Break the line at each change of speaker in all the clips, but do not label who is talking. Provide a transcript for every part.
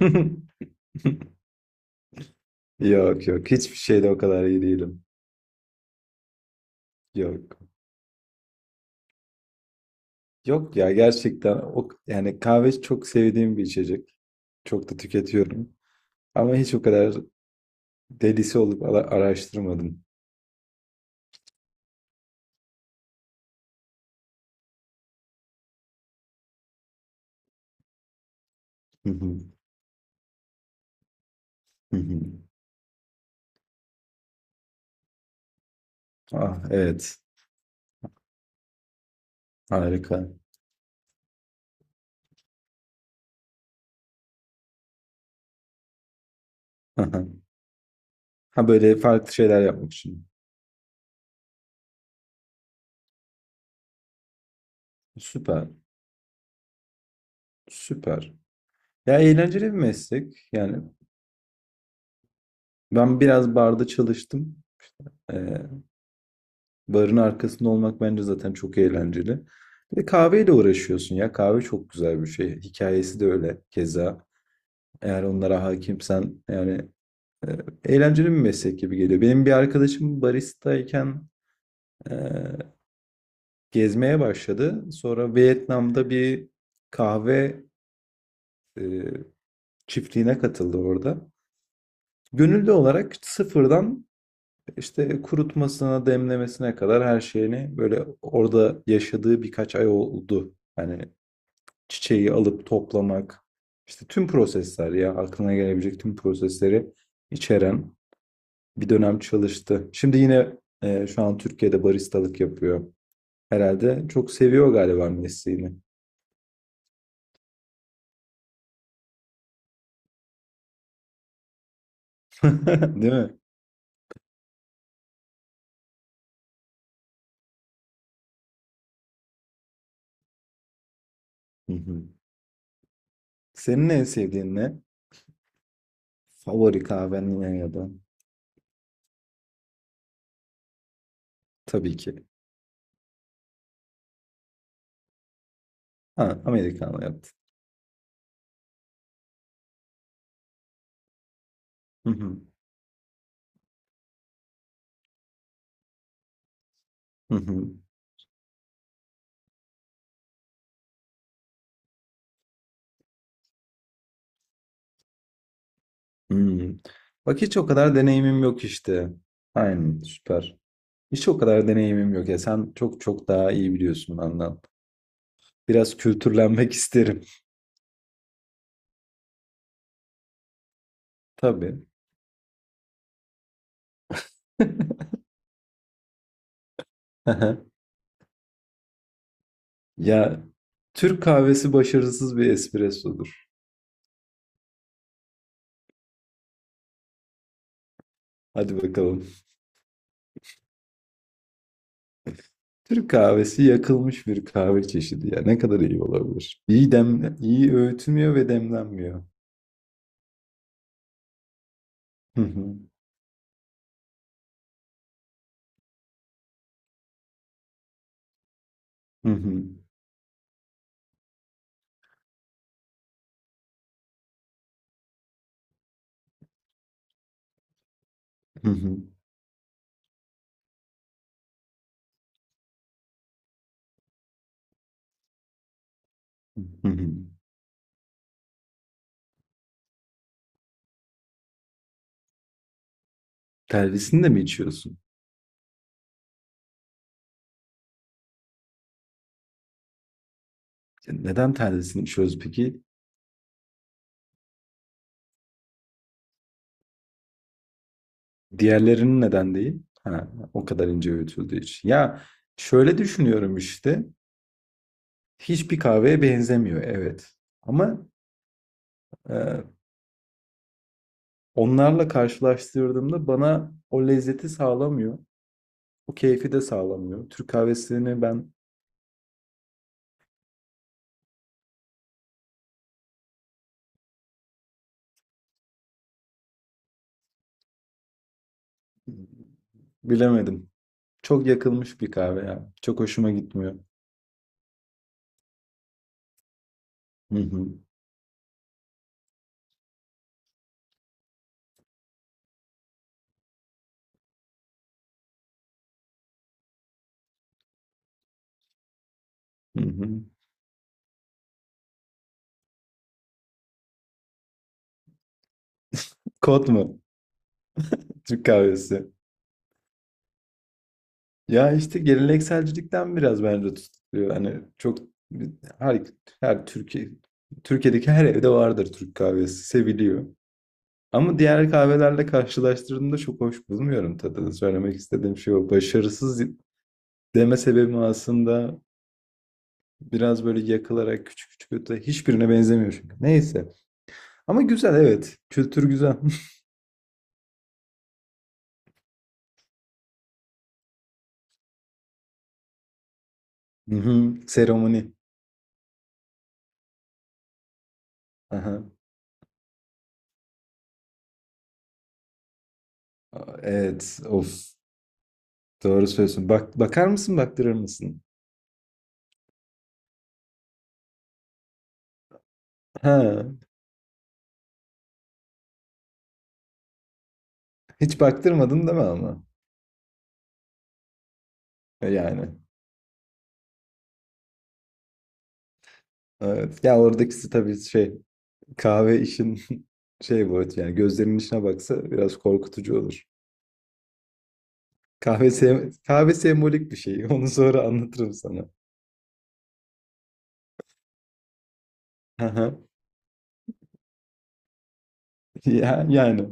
Yok, yok, hiçbir şeyde o kadar iyi değilim. Yok. Yok ya, gerçekten o yani kahve çok sevdiğim bir içecek. Çok da tüketiyorum. Ama hiç o kadar delisi olup araştırmadım. Hı hı, hı hı. Ah, evet. Harika. Hı hı. Ha, böyle farklı şeyler yapmak için. Süper. Süper. Ya, eğlenceli bir meslek. Yani ben biraz barda çalıştım. Barın arkasında olmak bence zaten çok eğlenceli. Bir de kahveyle uğraşıyorsun ya. Kahve çok güzel bir şey. Hikayesi de öyle keza. Eğer onlara hakimsen yani e, eğlenceli bir meslek gibi geliyor. Benim bir arkadaşım baristayken e, gezmeye başladı. Sonra Vietnam'da bir kahve e, çiftliğine katıldı orada. Gönüllü olarak sıfırdan işte kurutmasına, demlemesine kadar her şeyini böyle orada yaşadığı birkaç ay oldu. Hani çiçeği alıp toplamak, işte tüm prosesler ya aklına gelebilecek tüm prosesleri içeren bir dönem çalıştı. Şimdi yine şu an Türkiye'de baristalık yapıyor. Herhalde çok seviyor galiba mesleğini. Değil mi? Hı hı. Senin en sevdiğin ne? Favori kahven ne ya da? Tabii ki. Ha, Amerikanlı yaptın. Hı hı. Hı hı. Hmm. Bak, hiç o kadar deneyimim yok işte. Aynen, süper. Hiç o kadar deneyimim yok ya. Sen çok çok daha iyi biliyorsun benden. Biraz kültürlenmek isterim. Tabii. Aha. Ya, Türk kahvesi başarısız bir espressodur. Hadi bakalım. Türk kahvesi yakılmış bir kahve çeşidi ya. Ne kadar iyi olabilir? İyi dem iyi öğütülmüyor ve demlenmiyor. Hı hı. Hı hı. Hı hı. Hı hı. Telvesini de mi içiyorsun? Ya neden telvesini içiyoruz peki? Diğerlerinin neden değil? Ha, o kadar ince öğütüldüğü için. Ya, şöyle düşünüyorum işte. Hiçbir kahveye benzemiyor, evet. Ama e, onlarla karşılaştırdığımda bana o lezzeti sağlamıyor. O keyfi de sağlamıyor. Türk kahvesini ben bilemedim. Çok yakılmış bir kahve ya. Çok hoşuma gitmiyor. Hı hı, hı hı. Kod mu? Türk kahvesi. Ya işte gelenekselcilikten biraz bence tutuluyor. Hani çok her, her Türkiye'deki her evde vardır, Türk kahvesi seviliyor. Ama diğer kahvelerle karşılaştırdığımda çok hoş bulmuyorum tadını. Söylemek istediğim şey o. Başarısız deme sebebim aslında biraz böyle yakılarak küçük küçük öte hiçbirine benzemiyor çünkü. Neyse. Ama güzel, evet. Kültür güzel. Hı hı. Seremoni. Aha. Evet. Of. Doğru söylüyorsun. Bak, bakar mısın, baktırır mısın? Ha. Hiç baktırmadın değil mi ama? E, yani. Evet. Ya oradakisi tabii şey kahve işin şey bu evet yani gözlerinin içine baksa biraz korkutucu olur. Kahve sembolik bir şey. Onu sonra anlatırım sana. Aha. Ya, yani,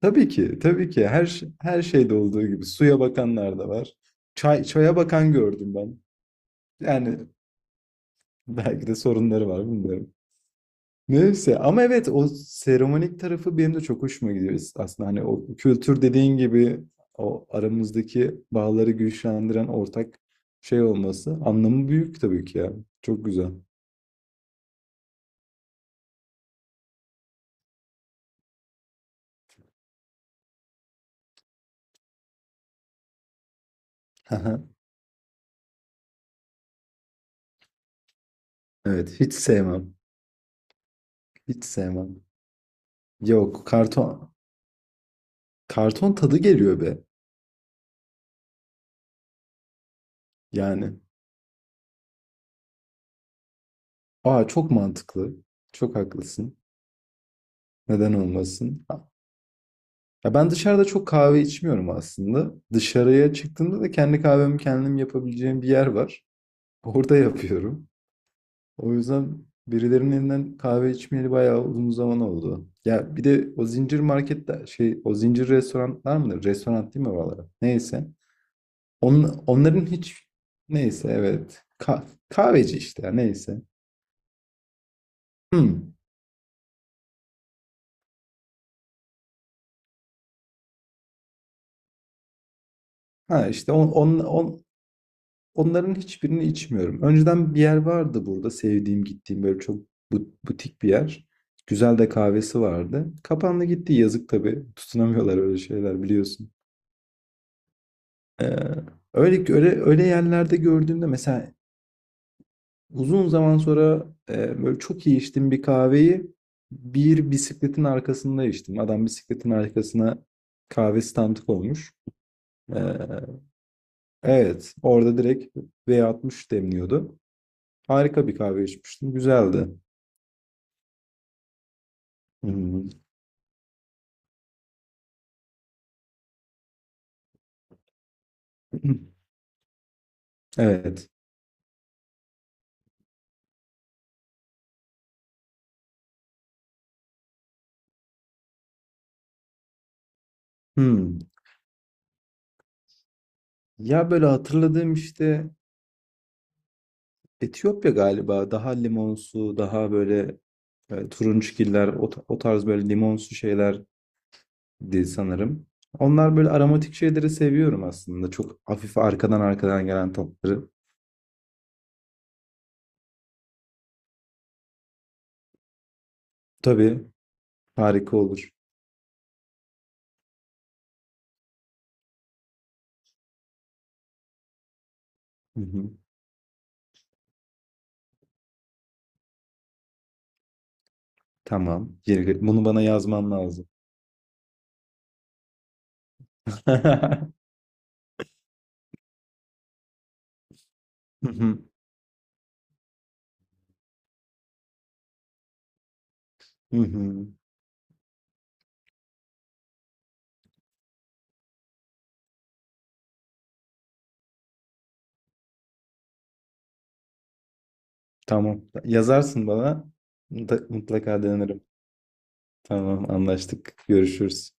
tabii ki, tabii ki, her şeyde olduğu gibi suya bakanlar da var. Çay, çaya bakan gördüm ben. Yani belki de sorunları var bilmiyorum. Neyse, ama evet, o seremonik tarafı benim de çok hoşuma gidiyor. Biz aslında hani o kültür dediğin gibi o aramızdaki bağları güçlendiren ortak şey olması anlamı büyük tabii ki ya, çok güzel. Aha. Evet, hiç sevmem, hiç sevmem, yok, karton tadı geliyor be. Yani, aa, çok mantıklı, çok haklısın, neden olmasın. Ya ben dışarıda çok kahve içmiyorum, aslında dışarıya çıktığımda da kendi kahvemi kendim yapabileceğim bir yer var. Orada yapıyorum. O yüzden birilerinin elinden kahve içmeyeli bayağı uzun zaman oldu. Ya bir de o zincir marketler, şey, o zincir restoranlar mıdır? Restoran değil mi oralara? Neyse. Onların hiç neyse evet. Kahveci işte ya neyse. Hmm. Ha işte onların hiçbirini içmiyorum. Önceden bir yer vardı burada sevdiğim, gittiğim, böyle çok butik bir yer. Güzel de kahvesi vardı. Kapandı gitti, yazık tabii. Tutunamıyorlar öyle şeyler, biliyorsun. Ee, öyle öyle öyle yerlerde gördüğümde mesela uzun zaman sonra böyle çok iyi içtiğim bir kahveyi bir bisikletin arkasında içtim. Adam bisikletin arkasına kahve standı koymuş. Ee, evet, orada direkt V60 demliyordu. Harika bir kahve içmiştim. Güzeldi. Hmm. Evet. Hmm. Ya böyle hatırladığım işte Etiyopya galiba daha limonsu, daha böyle turunçgiller, o, o tarz böyle limonsu şeyler di sanırım. Onlar böyle aromatik şeyleri seviyorum aslında. Çok hafif arkadan arkadan gelen tatları. Tabii, harika olur. Hı hı. Tamam. Bunu bana yazman lazım. Hı hı. Hı hı. Tamam. Yazarsın bana. Mutlaka, mutlaka denerim. Tamam, anlaştık. Görüşürüz.